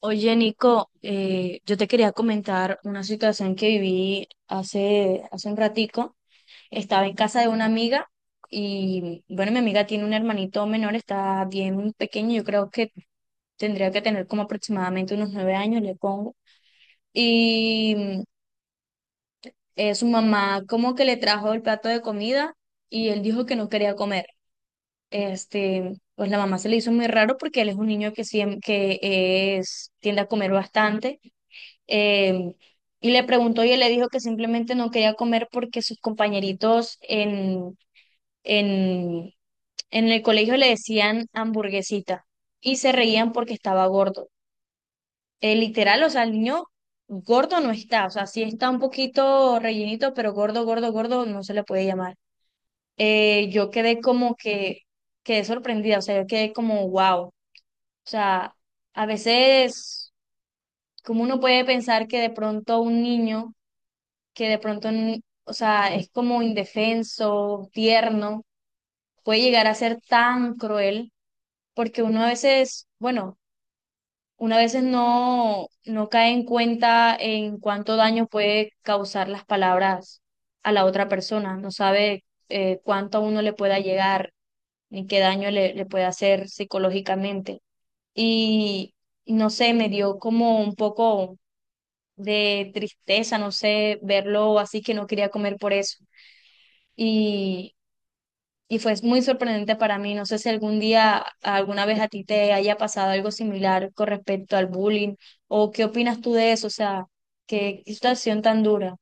Oye, Nico, yo te quería comentar una situación que viví hace un ratico. Estaba en casa de una amiga y, bueno, mi amiga tiene un hermanito menor, está bien pequeño, yo creo que tendría que tener como aproximadamente unos 9 años, le pongo. Y mm, Su mamá como que le trajo el plato de comida y él dijo que no quería comer. Este, pues la mamá se le hizo muy raro porque él es un niño que es, tiende a comer bastante. eh, y le preguntó y él le dijo que simplemente no quería comer porque sus compañeritos en, en el colegio le decían hamburguesita y se reían porque estaba gordo. Literal, o sea, el niño gordo no está, o sea, sí está un poquito rellenito, pero gordo, gordo, gordo no se le puede llamar. Yo quedé sorprendida, o sea, yo quedé como wow. O sea, a veces, como uno puede pensar que de pronto un niño que de o sea, es como indefenso, tierno, puede llegar a ser tan cruel, porque uno a veces, bueno, uno a veces no cae en cuenta en cuánto daño puede causar las palabras a la otra persona, no sabe cuánto a uno le pueda llegar, ni qué daño le puede hacer psicológicamente. Y y no sé, me dio como un poco de tristeza, no sé, verlo así que no quería comer por eso. y, y fue muy sorprendente para mí. No sé si algún día, alguna vez a ti te haya pasado algo similar con respecto al bullying o qué opinas tú de eso, o sea, qué situación tan dura.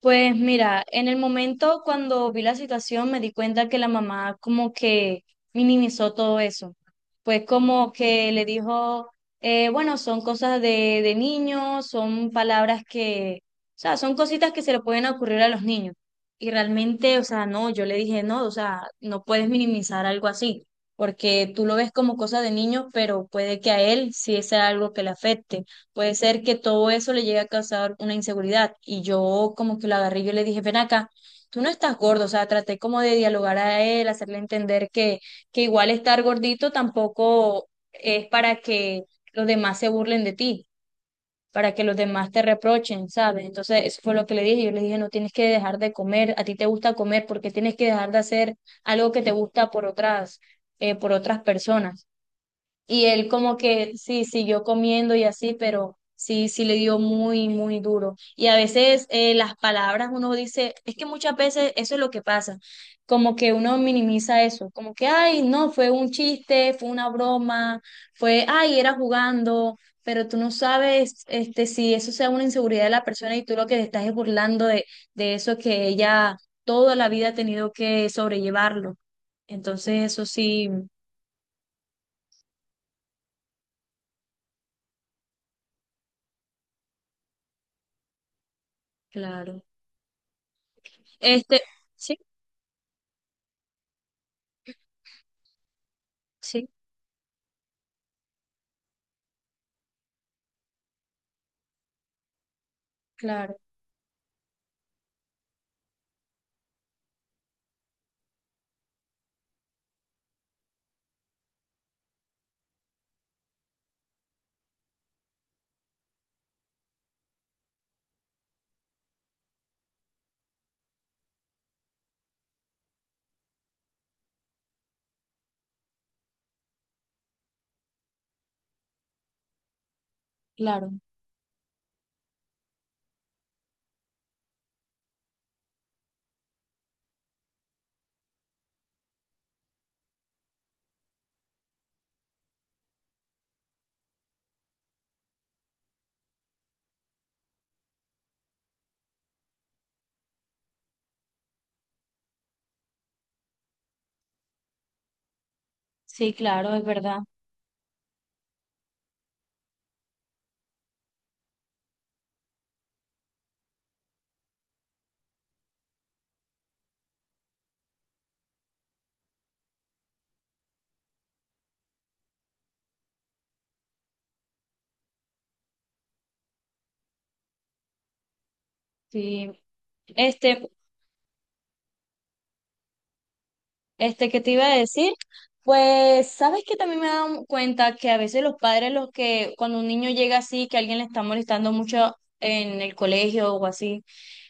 Pues mira, en el momento cuando vi la situación me di cuenta que la mamá como que minimizó todo eso. Pues como que le dijo, bueno, son cosas de niños, son palabras que, o sea, son cositas que se le pueden ocurrir a los niños. Y realmente, o sea, no, yo le dije, no, o sea, no puedes minimizar algo así, porque tú lo ves como cosa de niños, pero puede que a él sí sea algo que le afecte. Puede ser que todo eso le llegue a causar una inseguridad. Y yo como que lo agarré, y yo le dije, ven acá, tú no estás gordo, o sea, traté como de dialogar a él, hacerle entender que igual estar gordito tampoco es para que los demás se burlen de ti, para que los demás te reprochen, ¿sabes? Entonces, eso fue lo que le dije. Yo le dije, no tienes que dejar de comer, a ti te gusta comer, porque tienes que dejar de hacer algo que te gusta por otras personas. Y él como que sí, siguió comiendo y así, pero sí, sí le dio muy, muy duro. Y a veces las palabras uno dice, es que muchas veces eso es lo que pasa, como que uno minimiza eso, como que, ay, no, fue un chiste, fue una broma, fue, ay, era jugando, pero tú no sabes este, si eso sea una inseguridad de la persona y tú lo que te estás es burlando de eso que ella toda la vida ha tenido que sobrellevarlo. Entonces eso sí, claro. Este, sí, sí, claro, claro. Sí, claro, es verdad. Sí. Este, Este, ¿qué te iba a decir? Pues, ¿sabes que también me he dado cuenta que a veces los padres, los que cuando un niño llega así, que alguien le está molestando mucho en el colegio o así,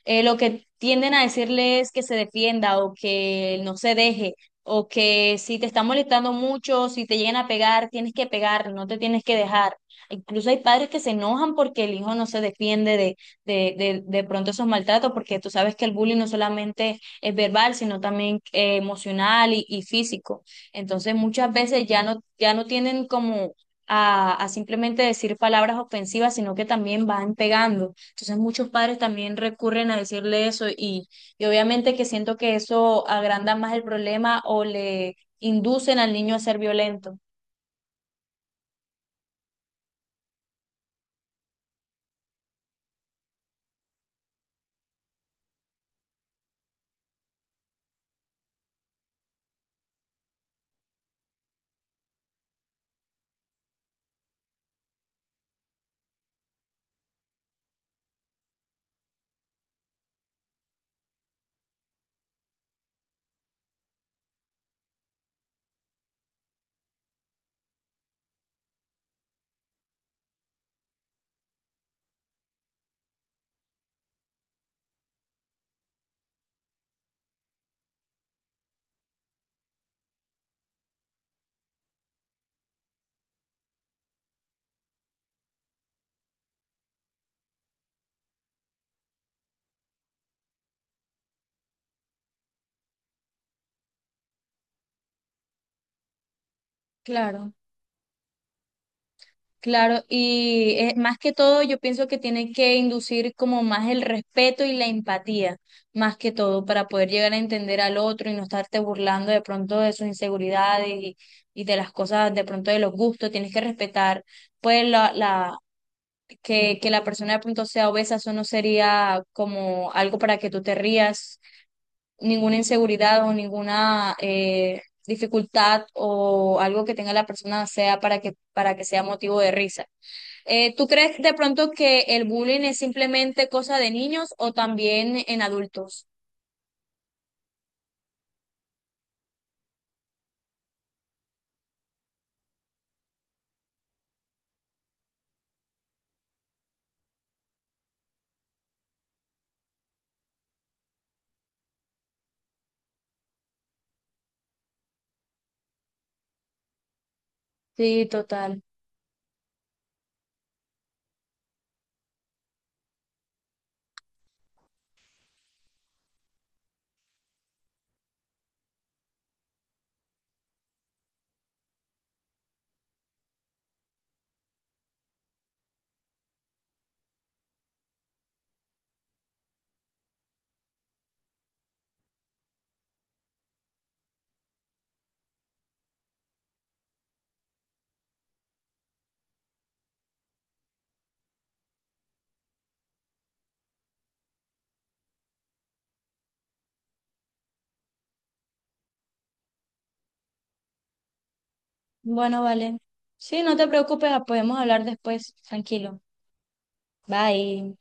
lo que tienden a decirle es que se defienda o que no se deje, o que si te está molestando mucho, si te llegan a pegar, tienes que pegar, no te tienes que dejar. Incluso hay padres que se enojan porque el hijo no se defiende de pronto esos maltratos, porque tú sabes que el bullying no solamente es verbal, sino también emocional y físico. Entonces muchas veces ya ya no tienen como a simplemente decir palabras ofensivas, sino que también van pegando. Entonces muchos padres también recurren a decirle eso y obviamente que siento que eso agranda más el problema o le inducen al niño a ser violento. Claro. Claro, y más que todo yo pienso que tiene que inducir como más el respeto y la empatía, más que todo, para poder llegar a entender al otro y no estarte burlando de pronto de sus inseguridades y de las cosas, de pronto de los gustos, tienes que respetar, pues que la persona de pronto sea obesa, eso no sería como algo para que tú te rías, ninguna inseguridad o ninguna dificultad o algo que tenga la persona sea para que sea motivo de risa. ¿Tú crees de pronto que el bullying es simplemente cosa de niños o también en adultos? Sí, total. Bueno, vale. Sí, no te preocupes, podemos hablar después, tranquilo. Bye.